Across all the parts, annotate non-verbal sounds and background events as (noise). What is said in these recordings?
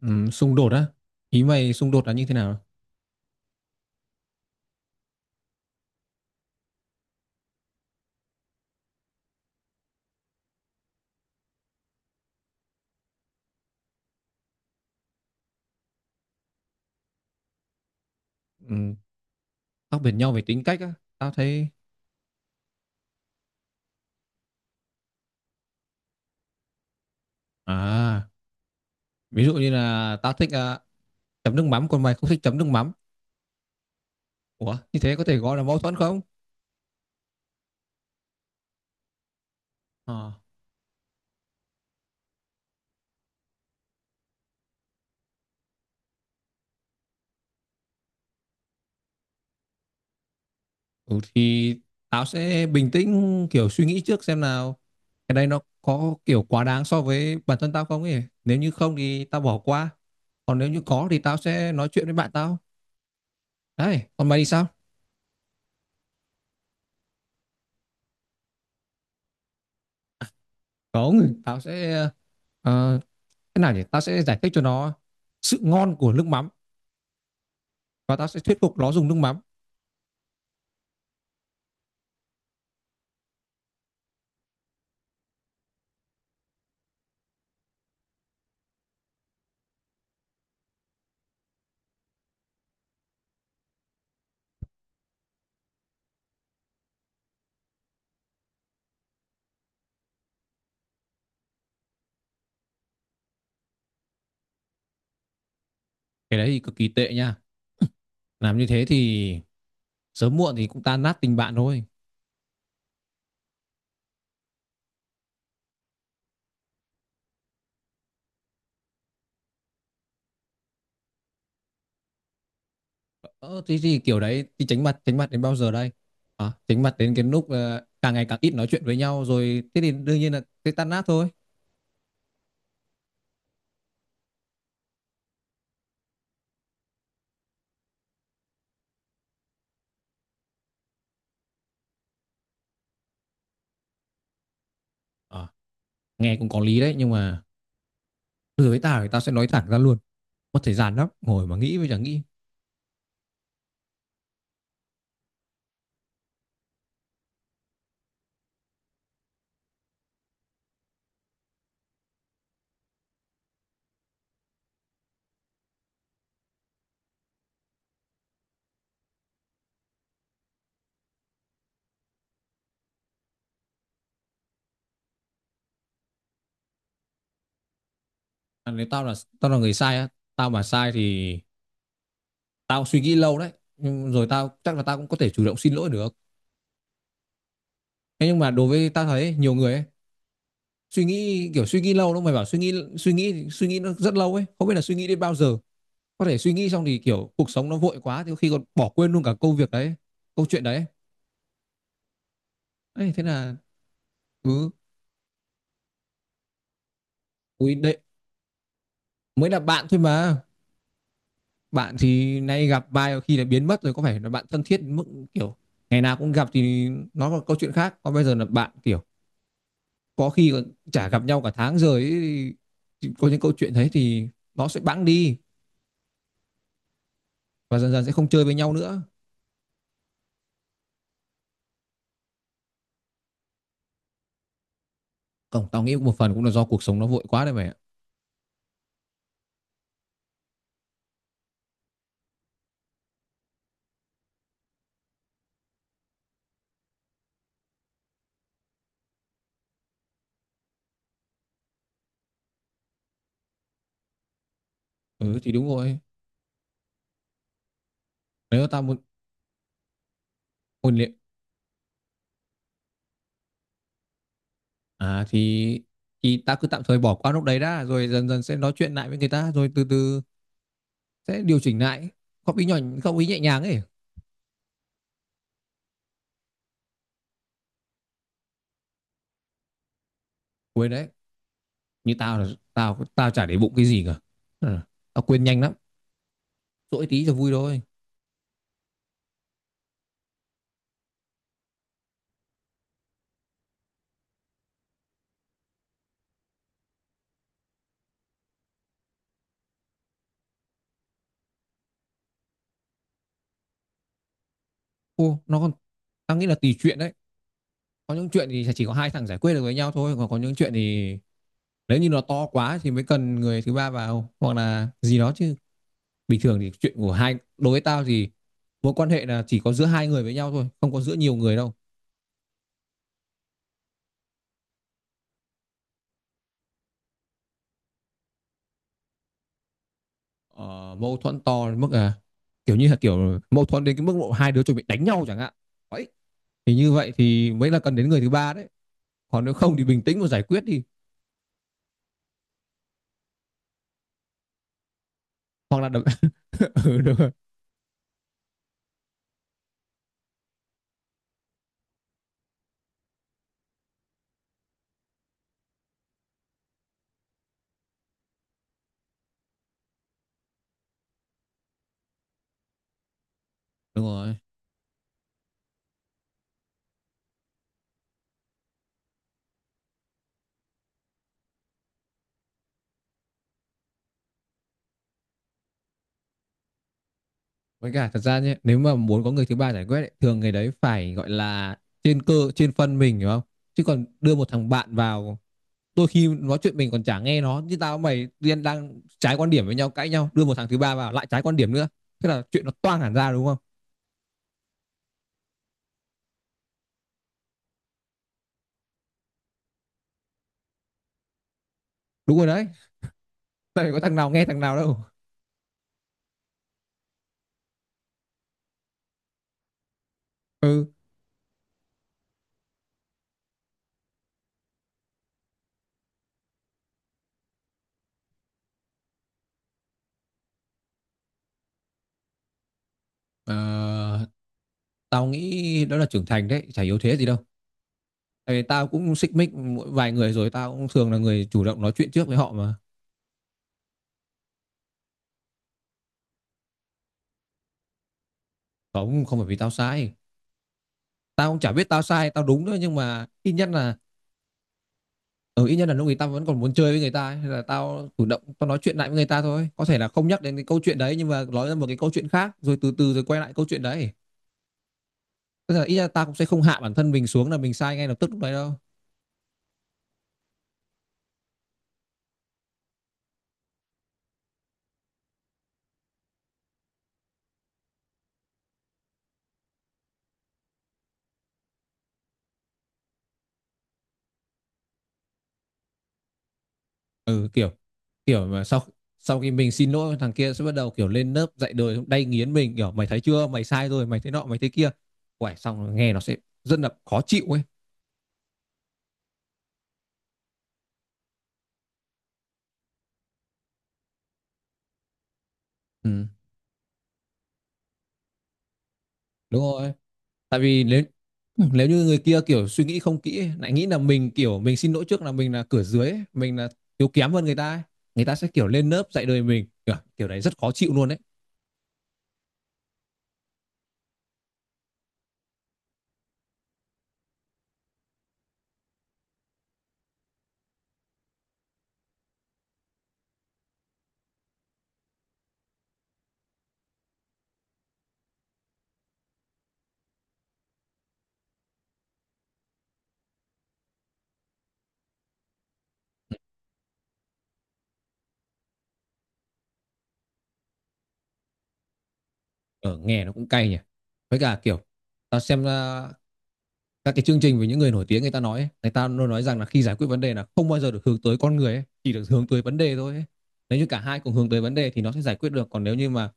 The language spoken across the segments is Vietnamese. Ừ, xung đột á, ý mày xung đột là như thế nào? Ừ, khác biệt nhau về tính cách á, tao thấy. À, ví dụ như là tao thích, chấm nước mắm còn mày không thích chấm nước mắm. Ủa, như thế có thể gọi là mâu thuẫn không? Ờ. Ừ, thì tao sẽ bình tĩnh, kiểu suy nghĩ trước xem nào, cái đây nó có kiểu quá đáng so với bản thân tao không ấy. Nếu như không thì tao bỏ qua, còn nếu như có thì tao sẽ nói chuyện với bạn tao. Đấy, còn mày thì sao? Không, ờ, thế nào nhỉ, ta sẽ giải thích cho nó sự ngon của nước mắm và ta sẽ thuyết phục nó dùng nước mắm. Cái đấy thì cực kỳ tệ nha, làm như thế thì sớm muộn thì cũng tan nát tình bạn thôi. Ờ, thế thì kiểu đấy thì tránh mặt, tránh mặt đến bao giờ đây? À, tránh mặt đến cái lúc càng ngày càng ít nói chuyện với nhau, rồi thế thì đương nhiên là sẽ tan nát thôi. Ờ, nghe cũng có lý đấy, nhưng mà từ với tao thì tao sẽ nói thẳng ra luôn, mất thời gian lắm ngồi mà nghĩ với chẳng nghĩ. À, nếu tao là người sai á, tao mà sai thì tao suy nghĩ lâu đấy, nhưng rồi tao chắc là tao cũng có thể chủ động xin lỗi được. Thế nhưng mà đối với ta thấy nhiều người ấy, suy nghĩ kiểu suy nghĩ lâu lắm, mày bảo suy nghĩ, suy nghĩ nó rất lâu ấy, không biết là suy nghĩ đến bao giờ. Có thể suy nghĩ xong thì kiểu cuộc sống nó vội quá thì có khi còn bỏ quên luôn cả công việc đấy, câu chuyện đấy. Ấy thế là cứ, ui đấy mới là bạn thôi mà. Bạn thì nay gặp vài khi là biến mất rồi, có phải là bạn thân thiết đến mức kiểu ngày nào cũng gặp thì nó là câu chuyện khác. Còn bây giờ là bạn kiểu có khi còn chả gặp nhau cả tháng rồi ấy, thì có những câu chuyện đấy thì nó sẽ bẵng đi và dần dần sẽ không chơi với nhau nữa. Không, tao nghĩ một phần cũng là do cuộc sống nó vội quá đấy mày ạ. Ừ thì đúng rồi. Nếu tao muốn hôn luyện, à thì tao cứ tạm thời bỏ qua lúc đấy đã, rồi dần dần sẽ nói chuyện lại với người ta, rồi từ từ sẽ điều chỉnh lại. Góp ý nhỏ, góp ý nhẹ nhàng ấy. Quên đấy. Như tao là tao tao chả để bụng cái gì cả. Ừ, tao quên nhanh lắm. Dỗi tí cho vui thôi. Ô, nó còn, tao nghĩ là tùy chuyện đấy. Có những chuyện thì chỉ có hai thằng giải quyết được với nhau thôi, còn có những chuyện thì nếu như nó to quá thì mới cần người thứ ba vào hoặc là gì đó chứ. Bình thường thì chuyện của hai, đối với tao thì mối quan hệ là chỉ có giữa hai người với nhau thôi, không có giữa nhiều người đâu. Ờ, mâu thuẫn to đến mức à, kiểu như là kiểu mâu thuẫn đến cái mức độ hai đứa chuẩn bị đánh nhau chẳng hạn ấy, thì như vậy thì mới là cần đến người thứ ba đấy. Còn nếu không thì bình tĩnh mà giải quyết đi. Hoặc là đập... (laughs) Ừ, đúng rồi. Đúng rồi, với cả thật ra nhé, nếu mà muốn có người thứ ba giải quyết ấy, thường người đấy phải gọi là trên cơ trên phân, mình hiểu không? Chứ còn đưa một thằng bạn vào, đôi khi nói chuyện mình còn chả nghe nó, như tao mày tiên đang trái quan điểm với nhau, cãi nhau, đưa một thằng thứ ba vào lại trái quan điểm nữa, thế là chuyện nó toang hẳn ra, đúng không? Đúng rồi đấy, tại có thằng nào nghe thằng nào đâu. Ừ. Ờ, tao nghĩ đó là trưởng thành đấy, chả yếu thế gì đâu. Tại vì tao cũng xích mích mỗi vài người rồi, tao cũng thường là người chủ động nói chuyện trước với họ mà. Không, không phải vì tao sai, tao cũng chả biết tao sai tao đúng nữa, nhưng mà ít nhất là, ừ, ít nhất là lúc ấy tao vẫn còn muốn chơi với người ta ấy. Thế là tao chủ động tao nói chuyện lại với người ta thôi, có thể là không nhắc đến cái câu chuyện đấy, nhưng mà nói ra một cái câu chuyện khác rồi từ từ rồi quay lại câu chuyện đấy. Tức là ít nhất là tao cũng sẽ không hạ bản thân mình xuống là mình sai ngay lập tức lúc đấy đâu. Ừ kiểu, kiểu mà sau sau khi mình xin lỗi, thằng kia sẽ bắt đầu kiểu lên lớp dạy đời đay nghiến mình, kiểu mày thấy chưa, mày sai rồi, mày thế nọ mày thế kia. Uầy, xong rồi nghe nó sẽ rất là khó chịu ấy. Ừ, đúng rồi. Tại vì nếu Nếu như người kia kiểu suy nghĩ không kỹ ấy, lại nghĩ là mình kiểu mình xin lỗi trước là mình là cửa dưới ấy, mình là yếu kém hơn người ta ấy, người ta sẽ kiểu lên lớp dạy đời mình, kiểu đấy rất khó chịu luôn đấy. Ở, nghe nó cũng cay nhỉ. Với cả kiểu, tao xem à, các cái chương trình về những người nổi tiếng người ta nói ấy, người ta luôn nói rằng là khi giải quyết vấn đề là không bao giờ được hướng tới con người ấy, chỉ được hướng tới vấn đề thôi ấy. Nếu như cả hai cùng hướng tới vấn đề thì nó sẽ giải quyết được. Còn nếu như mà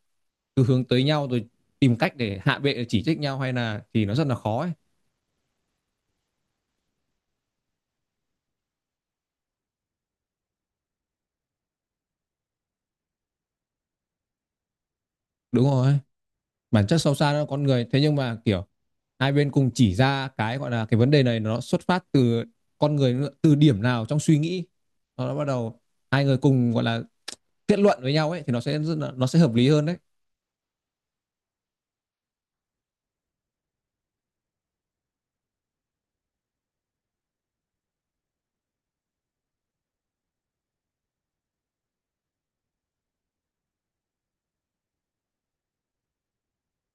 cứ hướng tới nhau rồi tìm cách để hạ bệ chỉ trích nhau hay là thì nó rất là khó ấy. Đúng rồi, bản chất sâu xa đó là con người, thế nhưng mà kiểu hai bên cùng chỉ ra cái gọi là cái vấn đề này nó xuất phát từ con người, từ điểm nào trong suy nghĩ nó bắt đầu, hai người cùng gọi là kết luận với nhau ấy, thì nó sẽ, nó sẽ hợp lý hơn đấy.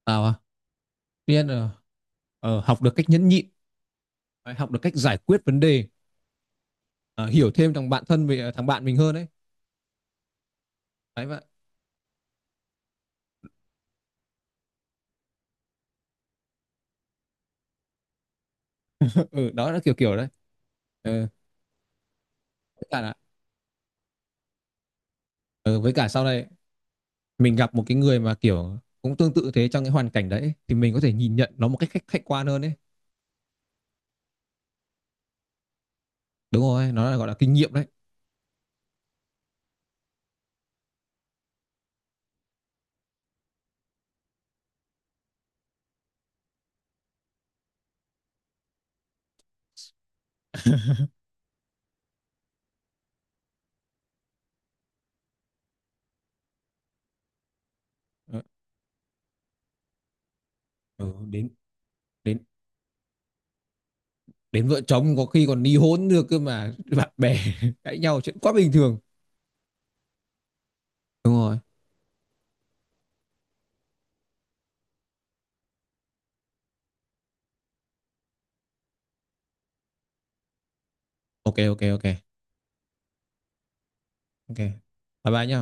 À, tuy nhiên là, ờ, học được cách nhẫn nhịn, học được cách giải quyết vấn đề, ờ, hiểu thêm thằng bạn thân về thằng bạn mình hơn đấy. Đấy vậy. (laughs) Ừ, đó là kiểu kiểu đấy. Ờ, với cả là, ờ, với cả sau này mình gặp một cái người mà kiểu cũng tương tự thế trong cái hoàn cảnh đấy, thì mình có thể nhìn nhận nó một cách khách khách quan hơn đấy. Đúng rồi, nó là gọi là kinh nghiệm đấy. Ờ, ừ, đến đến đến vợ chồng có khi còn ly hôn được cơ mà, bạn bè (laughs) cãi nhau chuyện quá bình thường. Đúng rồi. Ok ok ok. Ok, bye bye nhá.